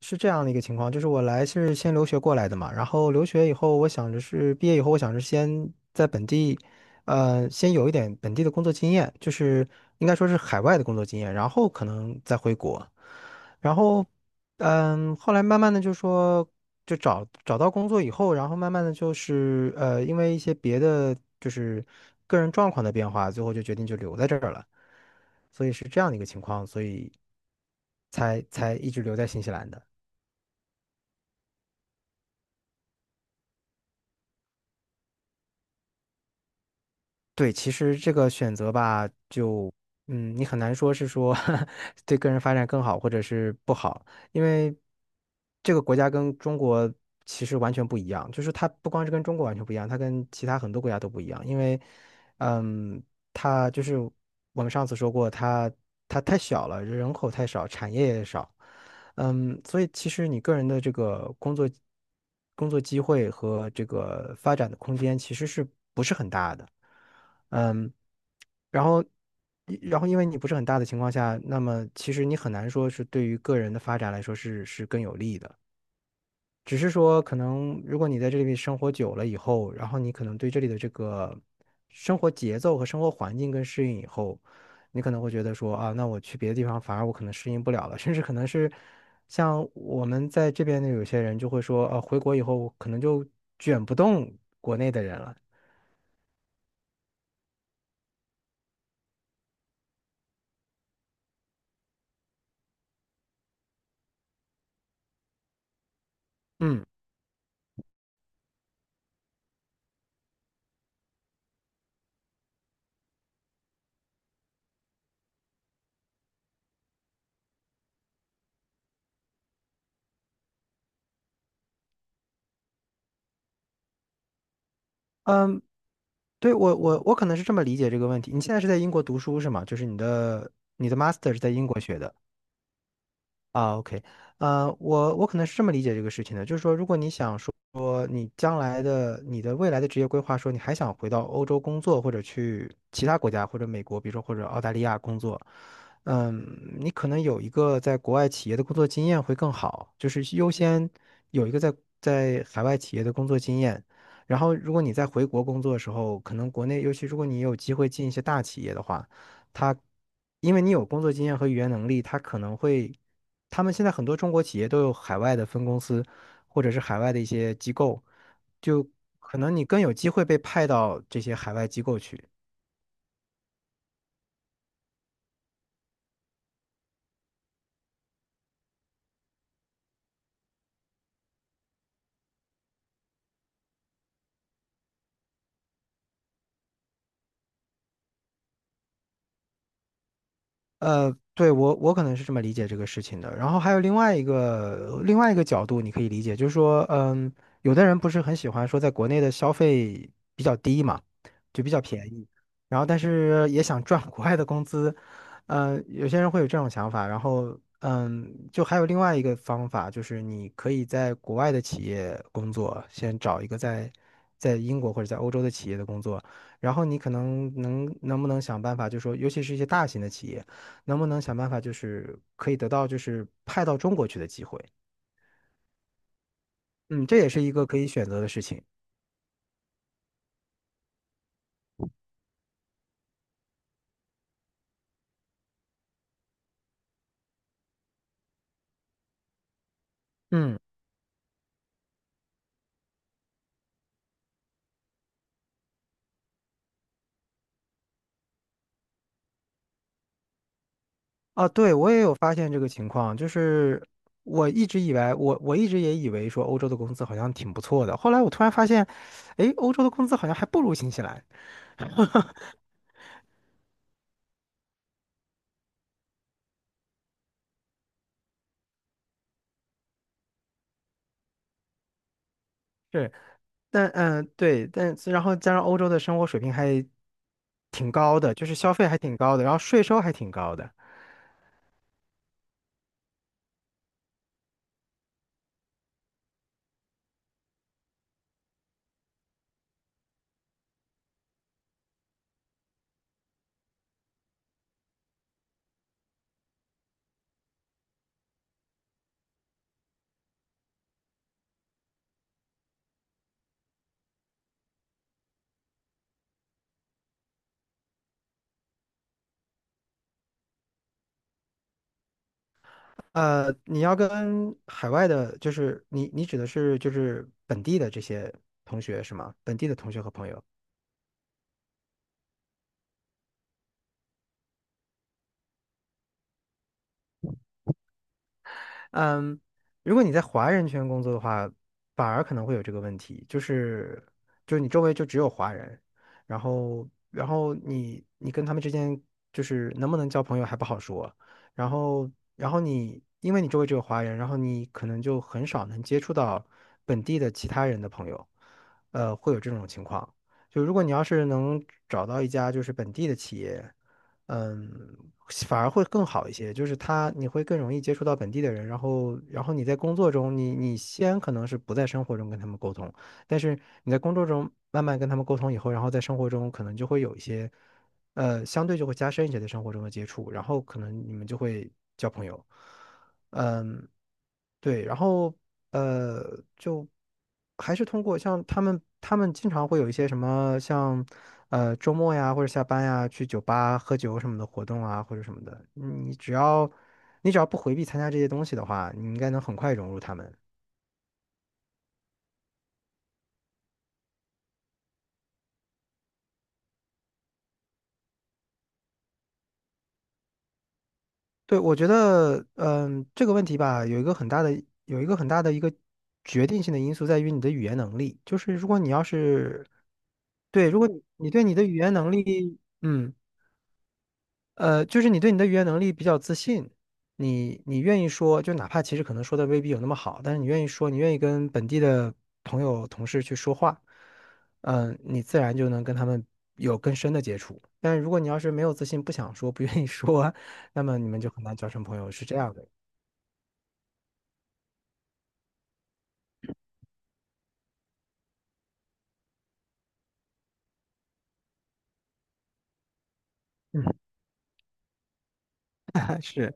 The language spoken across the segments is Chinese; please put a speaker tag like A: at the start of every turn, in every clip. A: 是这样的一个情况，就是我来是先留学过来的嘛，然后留学以后，我想着是毕业以后，我想着先在本地，先有一点本地的工作经验，就是应该说是海外的工作经验，然后可能再回国，然后，嗯，后来慢慢的就说，找找到工作以后，然后慢慢的就是因为一些别的就是个人状况的变化，最后就决定就留在这儿了，所以是这样的一个情况，所以才一直留在新西兰的。对，其实这个选择吧，就嗯，你很难说对个人发展更好，或者是不好，因为这个国家跟中国其实完全不一样，就是它不光是跟中国完全不一样，它跟其他很多国家都不一样，因为嗯，它就是我们上次说过，它太小了，人口太少，产业也少，嗯，所以其实你个人的这个工作机会和这个发展的空间其实是不是很大的？嗯，然后然后因为你不是很大的情况下，那么其实你很难说是对于个人的发展来说是更有利的。只是说，可能如果你在这里面生活久了以后，然后你可能对这里的这个生活节奏和生活环境更适应以后，你可能会觉得说啊，那我去别的地方反而我可能适应不了了，甚至可能是像我们在这边的有些人就会说，啊，回国以后可能就卷不动国内的人了。嗯，对，我我可能是这么理解这个问题。你现在是在英国读书是吗？就是你的 master 是在英国学的。啊，OK,我可能是这么理解这个事情的，就是说，如果你想说你的未来的职业规划，说你还想回到欧洲工作，或者去其他国家，或者美国，比如说或者澳大利亚工作，嗯，你可能有一个在国外企业的工作经验会更好，就是优先有一个在海外企业的工作经验。然后，如果你在回国工作的时候，可能国内，尤其如果你有机会进一些大企业的话，它因为你有工作经验和语言能力，它可能会。他们现在很多中国企业都有海外的分公司，或者是海外的一些机构，就可能你更有机会被派到这些海外机构去。对，我可能是这么理解这个事情的。然后还有另外一个角度，你可以理解，就是说，嗯，有的人不是很喜欢说在国内的消费比较低嘛，就比较便宜，然后但是也想赚 国外的工资，嗯、有些人会有这种想法。然后，嗯，就还有另外一个方法，就是你可以在国外的企业工作，先找一个在英国或者在欧洲的企业的工作，然后你可能能不能想办法，就说尤其是一些大型的企业。能不能想办法就是可以得到就是派到中国去的机会？嗯，这也是一个可以选择的事情。嗯，啊，对，我也有发现这个情况，就是我一直也以为说欧洲的工资好像挺不错的，后来我突然发现，诶，欧洲的工资好像还不如新西兰。是，但嗯，对，但然后加上欧洲的生活水平还挺高的，就是消费还挺高的，然后税收还挺高的。呃，你要跟海外的，就是你指的是就是本地的这些同学是吗？本地的同学和朋友。嗯，如果你在华人圈工作的话，反而可能会有这个问题，就是你周围就只有华人，然后你跟他们之间就是能不能交朋友还不好说，然后然后你因为你周围只有华人，然后你可能就很少能接触到本地的其他人的朋友，呃，会有这种情况。就如果你要是能找到一家就是本地的企业。嗯，反而会更好一些。就是他，你会更容易接触到本地的人，然后，然后你在工作中，你先可能是不在生活中跟他们沟通，但是你在工作中慢慢跟他们沟通以后，然后在生活中可能就会有一些，呃，相对就会加深一些在生活中的接触，然后可能你们就会交朋友。嗯，对，然后呃，就还是通过像他们，他们经常会有一些什么像呃周末呀，或者下班呀，去酒吧喝酒什么的活动啊，或者什么的。你只要不回避参加这些东西的话，你应该能很快融入他们。对，我觉得，嗯，这个问题吧，有一个很大的一个决定性的因素在于你的语言能力。就是如果你要是，对，如果你对你的语言能力，嗯。呃，就是你对你的语言能力比较自信，你你愿意说，就哪怕其实可能说的未必有那么好，但是你愿意说，你愿意跟本地的朋友同事去说话，嗯、你自然就能跟他们有更深的接触。但如果你要是没有自信，不想说，不愿意说，那么你们就很难交成朋友，是这样的。嗯，是，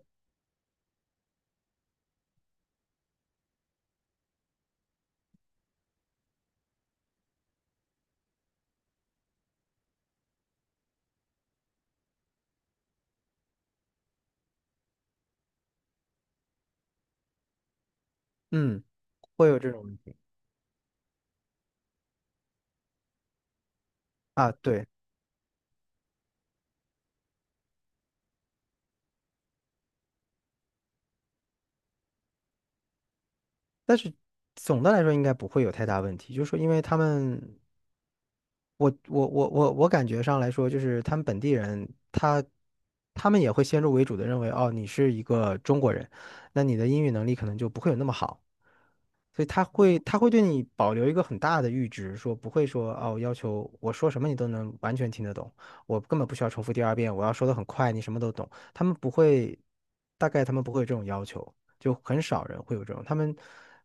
A: 嗯，会有这种问题啊，对，但是总的来说应该不会有太大问题，就是说因为他们我感觉上来说，就是他们本地人，他们也会先入为主的认为，哦，你是一个中国人，那你的英语能力可能就不会有那么好。所以他会对你保留一个很大的阈值，说不会说哦，要求我说什么你都能完全听得懂，我根本不需要重复第二遍，我要说的很快，你什么都懂。他们不会，大概他们不会有这种要求，就很少人会有这种。他们，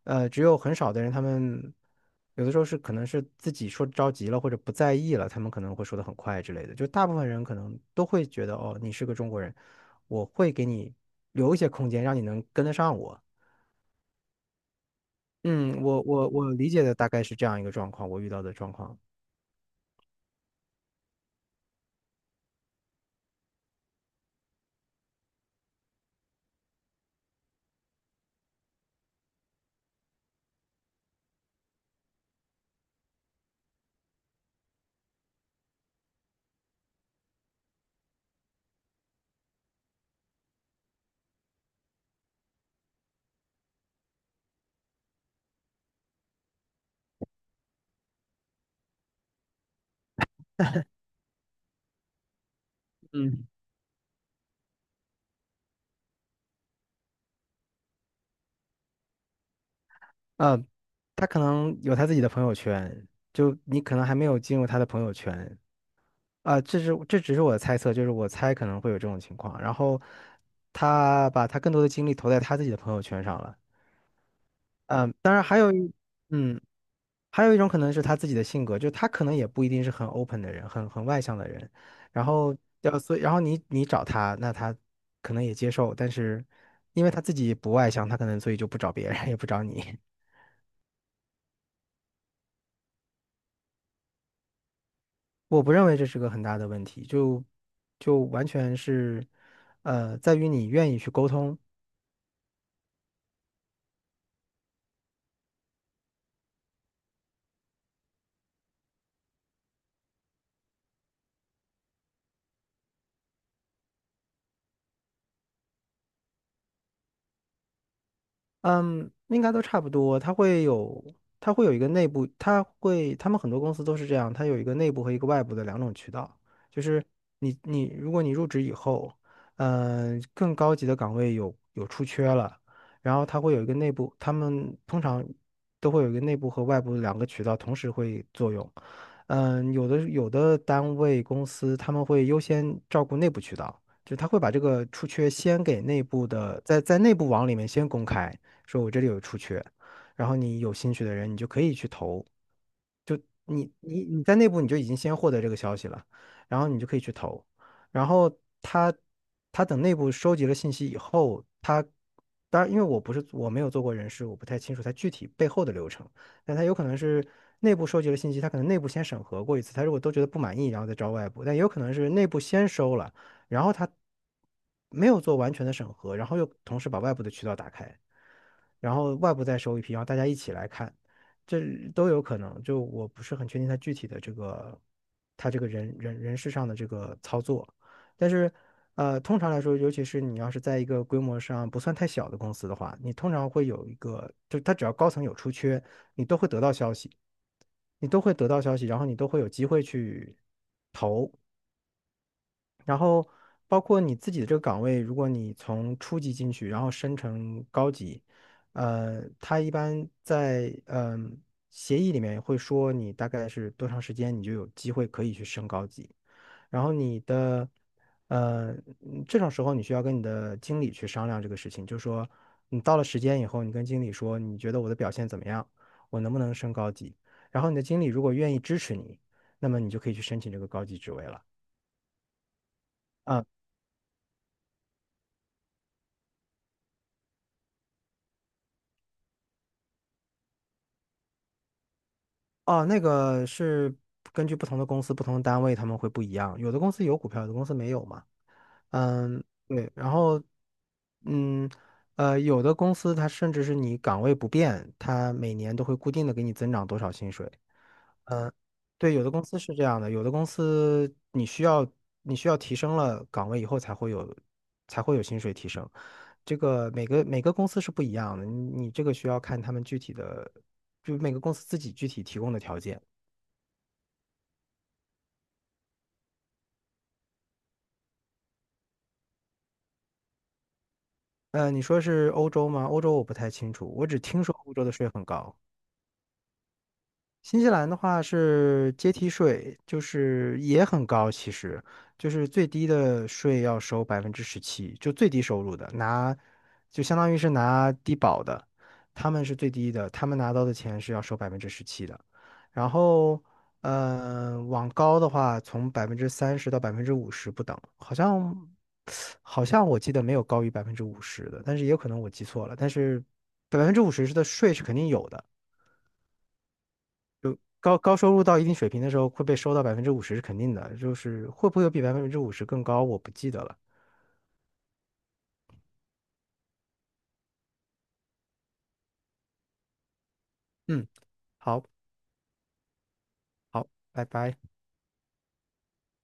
A: 呃，只有很少的人，他们有的时候是可能是自己说着急了或者不在意了，他们可能会说的很快之类的。就大部分人可能都会觉得哦，你是个中国人，我会给你留一些空间，让你能跟得上我。嗯，我我理解的大概是这样一个状况，我遇到的状况。嗯呃，他可能有他自己的朋友圈，就你可能还没有进入他的朋友圈啊，这是这只是我的猜测，就是我猜可能会有这种情况。然后他把他更多的精力投在他自己的朋友圈上了，嗯，当然还有一嗯还有一种可能是他自己的性格，就他可能也不一定是很 open 的人，很外向的人。然后所以，然后你找他，那他可能也接受，但是因为他自己不外向，他可能所以就不找别人，也不找你。我不认为这是个很大的问题，就完全是，在于你愿意去沟通。嗯，应该都差不多。它会有一个内部，他们很多公司都是这样，它有一个内部和一个外部的两种渠道。就是如果你入职以后，更高级的岗位有出缺了，然后它会有一个内部，他们通常都会有一个内部和外部两个渠道同时会作用。有的单位公司他们会优先照顾内部渠道，就是他会把这个出缺先给内部的，在内部网里面先公开。说我这里有出缺，然后你有兴趣的人，你就可以去投。就你在内部你就已经先获得这个消息了，然后你就可以去投，然后他他等内部收集了信息以后，他当然因为我不是我没有做过人事，我不太清楚他具体背后的流程，但他有可能是内部收集了信息，他可能内部先审核过一次，他如果都觉得不满意，然后再招外部，但也有可能是内部先收了，然后他没有做完全的审核，然后又同时把外部的渠道打开。然后外部再收一批，然后大家一起来看，这都有可能。就我不是很确定他具体的这个他这个人事上的这个操作，但是通常来说，尤其是你要是在一个规模上不算太小的公司的话，你通常会有一个，就他只要高层有出缺，你都会得到消息，你都会得到消息，然后你都会有机会去投，然后包括你自己的这个岗位，如果你从初级进去，然后升成高级，他一般在协议里面会说你大概是多长时间，你就有机会可以去升高级。然后你的呃嗯这种时候，你需要跟你的经理去商量这个事情，就是说你到了时间以后，你跟经理说你觉得我的表现怎么样，我能不能升高级？然后你的经理如果愿意支持你，那么你就可以去申请这个高级职位了。呃哦，那个是根据不同的公司、不同的单位，他们会不一样。有的公司有股票，有的公司没有嘛。嗯，对。然后，嗯，有的公司它甚至是你岗位不变，它每年都会固定的给你增长多少薪水。嗯，对，有的公司是这样的，有的公司你需要提升了岗位以后才会有薪水提升。这个每个公司是不一样的，你这个需要看他们具体的，就每个公司自己具体提供的条件。你说是欧洲吗？欧洲我不太清楚，我只听说欧洲的税很高。新西兰的话是阶梯税，就是也很高，其实就是最低的税要收百分之十七，就最低收入的拿，就相当于是拿低保的，他们是最低的，他们拿到的钱是要收百分之十七的。然后，往高的话，从30%到百分之五十不等，好像我记得没有高于百分之五十的，但是也有可能我记错了，但是百分之五十的税是肯定有的。高收入到一定水平的时候会被收到百分之五十是肯定的，就是会不会有比百分之五十更高，我不记得了。嗯，好，好，拜拜。